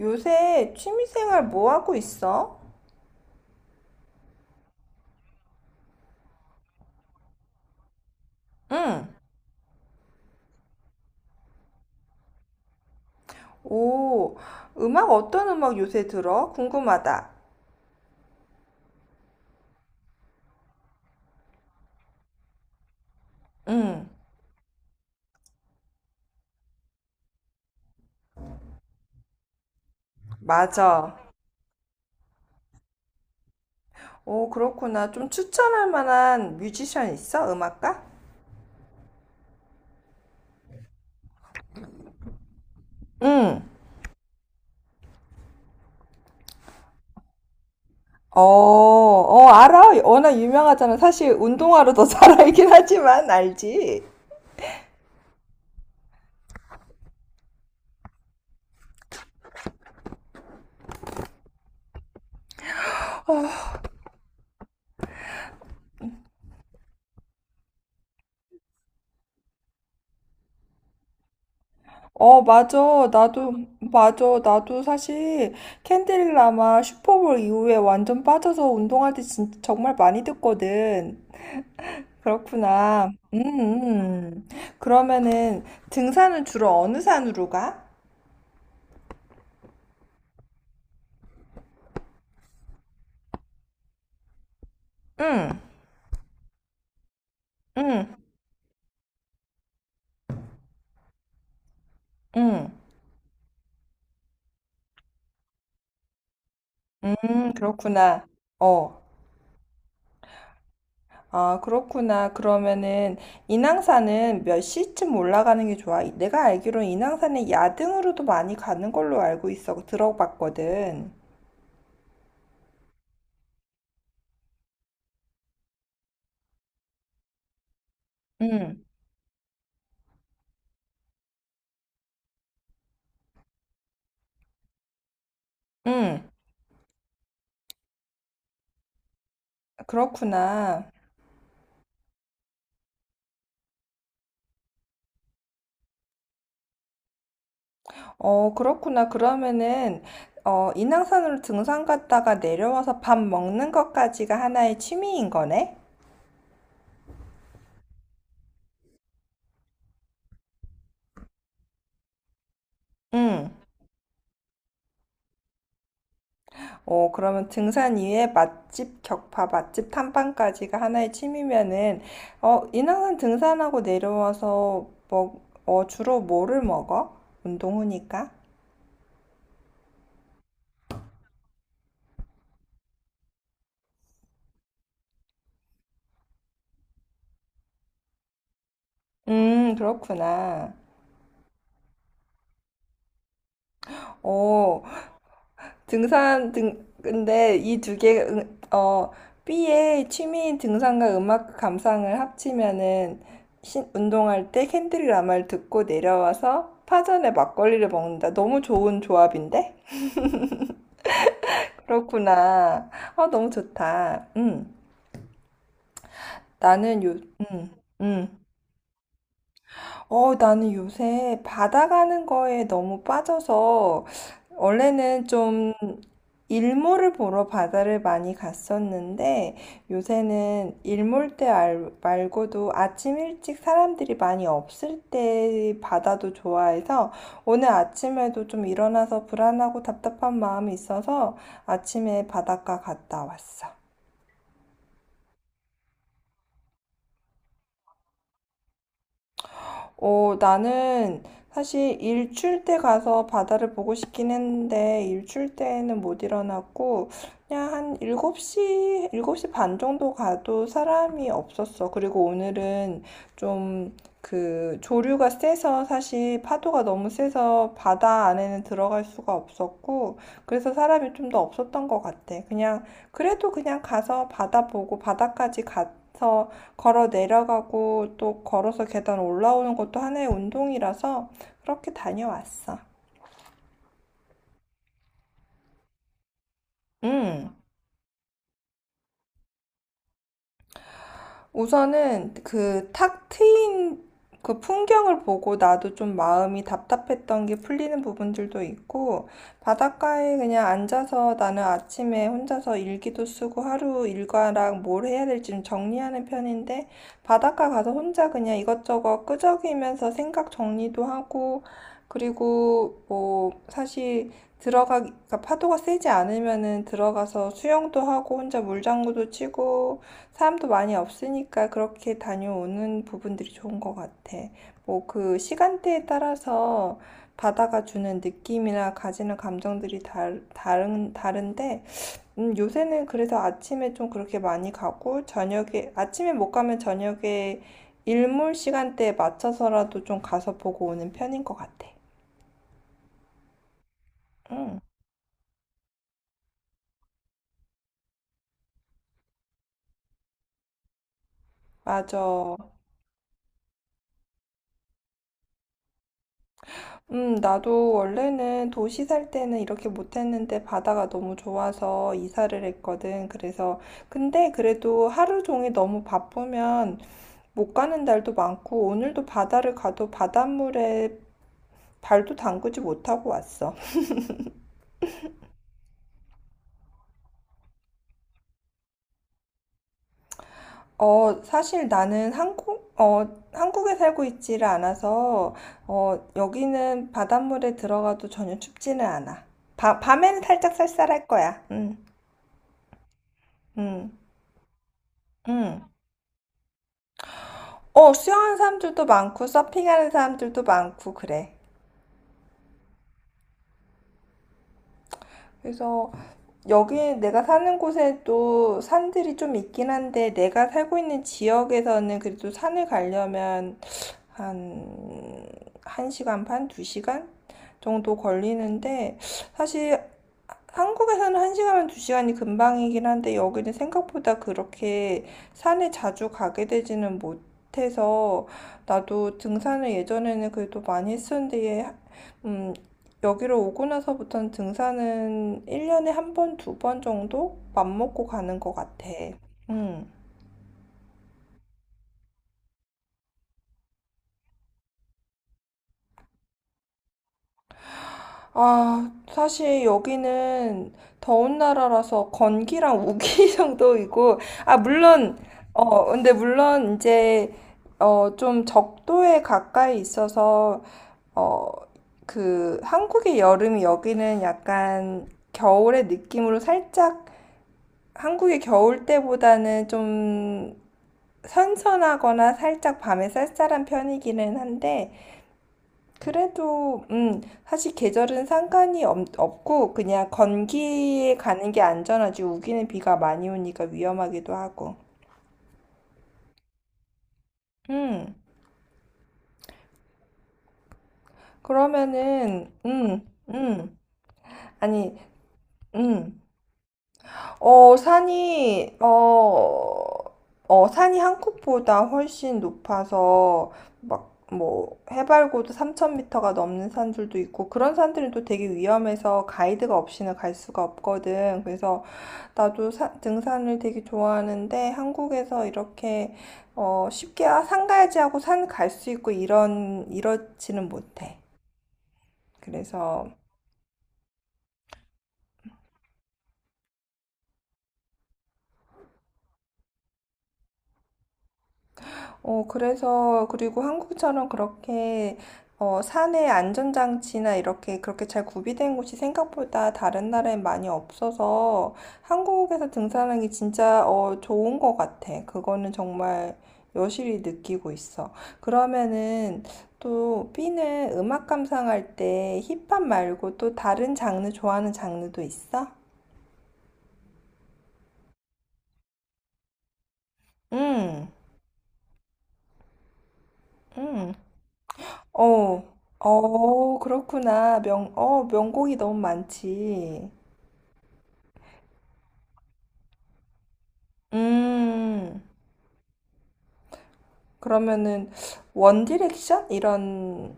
요새 취미생활 뭐 하고 있어? 응. 오, 음악 어떤 음악 요새 들어? 궁금하다. 응, 맞아. 오, 그렇구나. 좀 추천할 만한 뮤지션 있어? 음악가? 응. 알아. 워낙 유명하잖아. 사실 운동화로 더 잘 알긴 하지만 알지? 어, 맞아. 나도, 맞아. 나도 사실 캔디릭 라마 슈퍼볼 이후에 완전 빠져서 운동할 때 진짜 정말 많이 듣거든. 그렇구나. 그러면은 등산은 주로 어느 산으로 가? 응, 응, 응, 그렇구나. 어, 아, 그렇구나. 그러면은 인왕산은 몇 시쯤 올라가는 게 좋아? 내가 알기로 인왕산에 야등으로도 많이 가는 걸로 알고 있어. 들어봤거든. 응, 응, 그렇구나. 어, 그렇구나. 그러면은, 어, 인왕산으로 등산 갔다가 내려와서 밥 먹는 것까지가 하나의 취미인 거네? 응. 어, 그러면 등산 이외에 맛집 격파, 맛집 탐방까지가 하나의 취미면은, 어, 인왕산 등산하고 내려와서 어, 주로 뭐를 먹어? 운동 후니까? 그렇구나. 어, 등산 등 근데 이 두 개 응, 어 B의 취미인 등산과 음악 감상을 합치면은 운동할 때 캔드릭 라마를 듣고 내려와서 파전에 막걸리를 먹는다. 너무 좋은 조합인데? 그렇구나. 아, 너무 좋다. 음. 나는 요 음. 음. 어, 나는 요새 바다 가는 거에 너무 빠져서 원래는 좀 일몰을 보러 바다를 많이 갔었는데 요새는 일몰 때 말고도 아침 일찍 사람들이 많이 없을 때 바다도 좋아해서 오늘 아침에도 좀 일어나서 불안하고 답답한 마음이 있어서 아침에 바닷가 갔다 왔어. 어, 나는 사실 일출 때 가서 바다를 보고 싶긴 했는데 일출 때는 못 일어났고 그냥 한 일곱 시 7시 반 정도 가도 사람이 없었어. 그리고 오늘은 좀 그 조류가 세서 사실 파도가 너무 세서 바다 안에는 들어갈 수가 없었고 그래서 사람이 좀 더 없었던 것 같아. 그냥 그래도 그냥 가서 바다 보고 바다까지 가서 걸어 내려가고 또 걸어서 계단 올라오는 것도 하나의 운동이라서 그렇게 다녀왔어. 음, 우선은 그 탁 트인 그 풍경을 보고 나도 좀 마음이 답답했던 게 풀리는 부분들도 있고 바닷가에 그냥 앉아서 나는 아침에 혼자서 일기도 쓰고 하루 일과랑 뭘 해야 될지 좀 정리하는 편인데 바닷가 가서 혼자 그냥 이것저것 끄적이면서 생각 정리도 하고 그리고 뭐 사실 들어가 그러니까 파도가 세지 않으면은 들어가서 수영도 하고 혼자 물장구도 치고 사람도 많이 없으니까 그렇게 다녀오는 부분들이 좋은 것 같아. 뭐 그 시간대에 따라서 바다가 주는 느낌이나 가지는 감정들이 다른, 다른데. 요새는 그래서 아침에 좀 그렇게 많이 가고, 저녁에, 아침에 못 가면 저녁에 일몰 시간대에 맞춰서라도 좀 가서 보고 오는 편인 것 같아. 응, 맞아. 나도 원래는 도시 살 때는 이렇게 못했는데 바다가 너무 좋아서 이사를 했거든. 그래서, 근데 그래도 하루 종일 너무 바쁘면 못 가는 날도 많고, 오늘도 바다를 가도 바닷물에 발도 담그지 못하고 왔어. 어, 사실 나는 한국, 어, 한국에 살고 있지를 않아서, 어, 여기는 바닷물에 들어가도 전혀 춥지는 않아. 밤에는 살짝 쌀쌀할 거야. 응, 응, 응. 어, 수영하는 사람들도 많고, 서핑하는 사람들도 많고, 그래. 그래서 여기 내가 사는 곳에도 산들이 좀 있긴 한데, 내가 살고 있는 지역에서는 그래도 산을 가려면 한, 1시간 반, 2시간 정도 걸리는데, 사실 한국에서는 1시간이면 2시간이 금방이긴 한데 여기는 생각보다 그렇게 산에 자주 가게 되지는 못해서 나도 등산을 예전에는 그래도 많이 했었는데 음, 여기로 오고 나서부터는 등산은 1년에 한 번, 두 번 정도 맘먹고 가는 것 같아. 음. 아, 사실 여기는 더운 나라라서 건기랑 우기 정도이고, 아, 물론, 어, 근데 물론 이제, 어, 좀 적도에 가까이 있어서, 어, 그, 한국의 여름이 여기는 약간 겨울의 느낌으로 살짝, 한국의 겨울 때보다는 좀 선선하거나 살짝 밤에 쌀쌀한 편이기는 한데, 그래도 사실 계절은 상관이 없고 그냥 건기에 가는 게 안전하지 우기는 비가 많이 오니까 위험하기도 하고 음 그러면은 아니 음, 어, 산이, 어, 어, 산이 한국보다 훨씬 높아서, 막, 뭐, 해발고도 3,000m가 넘는 산들도 있고, 그런 산들은 또 되게 위험해서 가이드가 없이는 갈 수가 없거든. 그래서 나도 등산을 되게 좋아하는데, 한국에서 이렇게, 어, 쉽게, 아, 산 가야지 하고 산 갈 수 있고, 이런, 이렇지는 못해. 그래서, 어, 그래서, 그리고 한국처럼 그렇게, 어, 산에 안전장치나 이렇게, 그렇게 잘 구비된 곳이 생각보다 다른 나라에 많이 없어서 한국에서 등산하기 진짜, 어, 좋은 것 같아. 그거는 정말 여실히 느끼고 있어. 그러면은 또 B는 음악 감상할 때 힙합 말고 또 다른 장르 좋아하는 장르도 있어? 응, 응. 어, 어, 그렇구나. 어, 명곡이 너무 많지. 음, 그러면은, 원디렉션? 이런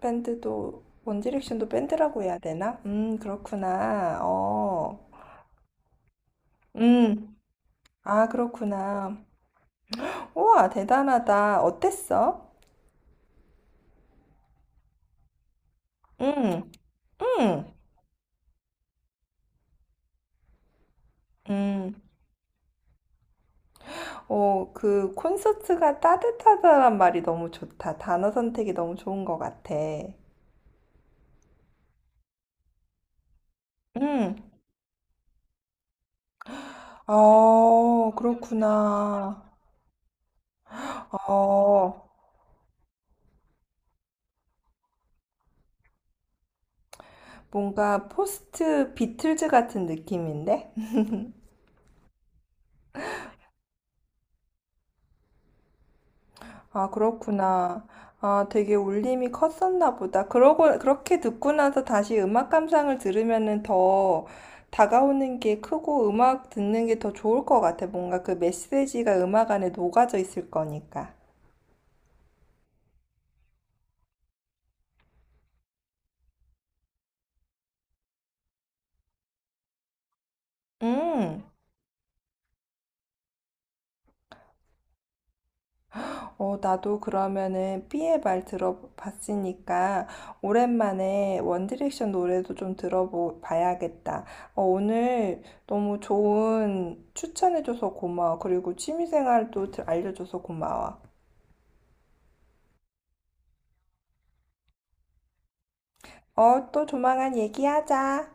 밴드도, 원디렉션도 밴드라고 해야 되나? 그렇구나. 어, 음, 아, 그렇구나. 우와, 대단하다. 어땠어? 음, 음, 음. 어, 그 콘서트가 따뜻하다란 말이 너무 좋다. 단어 선택이 너무 좋은 것 같아. 음. 어, 그렇구나. 어, 뭔가 포스트 비틀즈 같은 느낌인데? 아, 그렇구나. 아, 되게 울림이 컸었나 보다. 그러고, 그렇게 듣고 나서 다시 음악 감상을 들으면은 더 다가오는 게 크고 음악 듣는 게 더 좋을 것 같아. 뭔가 그 메시지가 음악 안에 녹아져 있을 거니까. 음. 어, 나도 그러면은 삐의 말 들어봤으니까 오랜만에 원디렉션 노래도 좀 들어봐야겠다. 어, 오늘 너무 좋은 추천해줘서 고마워. 그리고 취미생활도 알려줘서 고마워. 어, 또 조만간 얘기하자.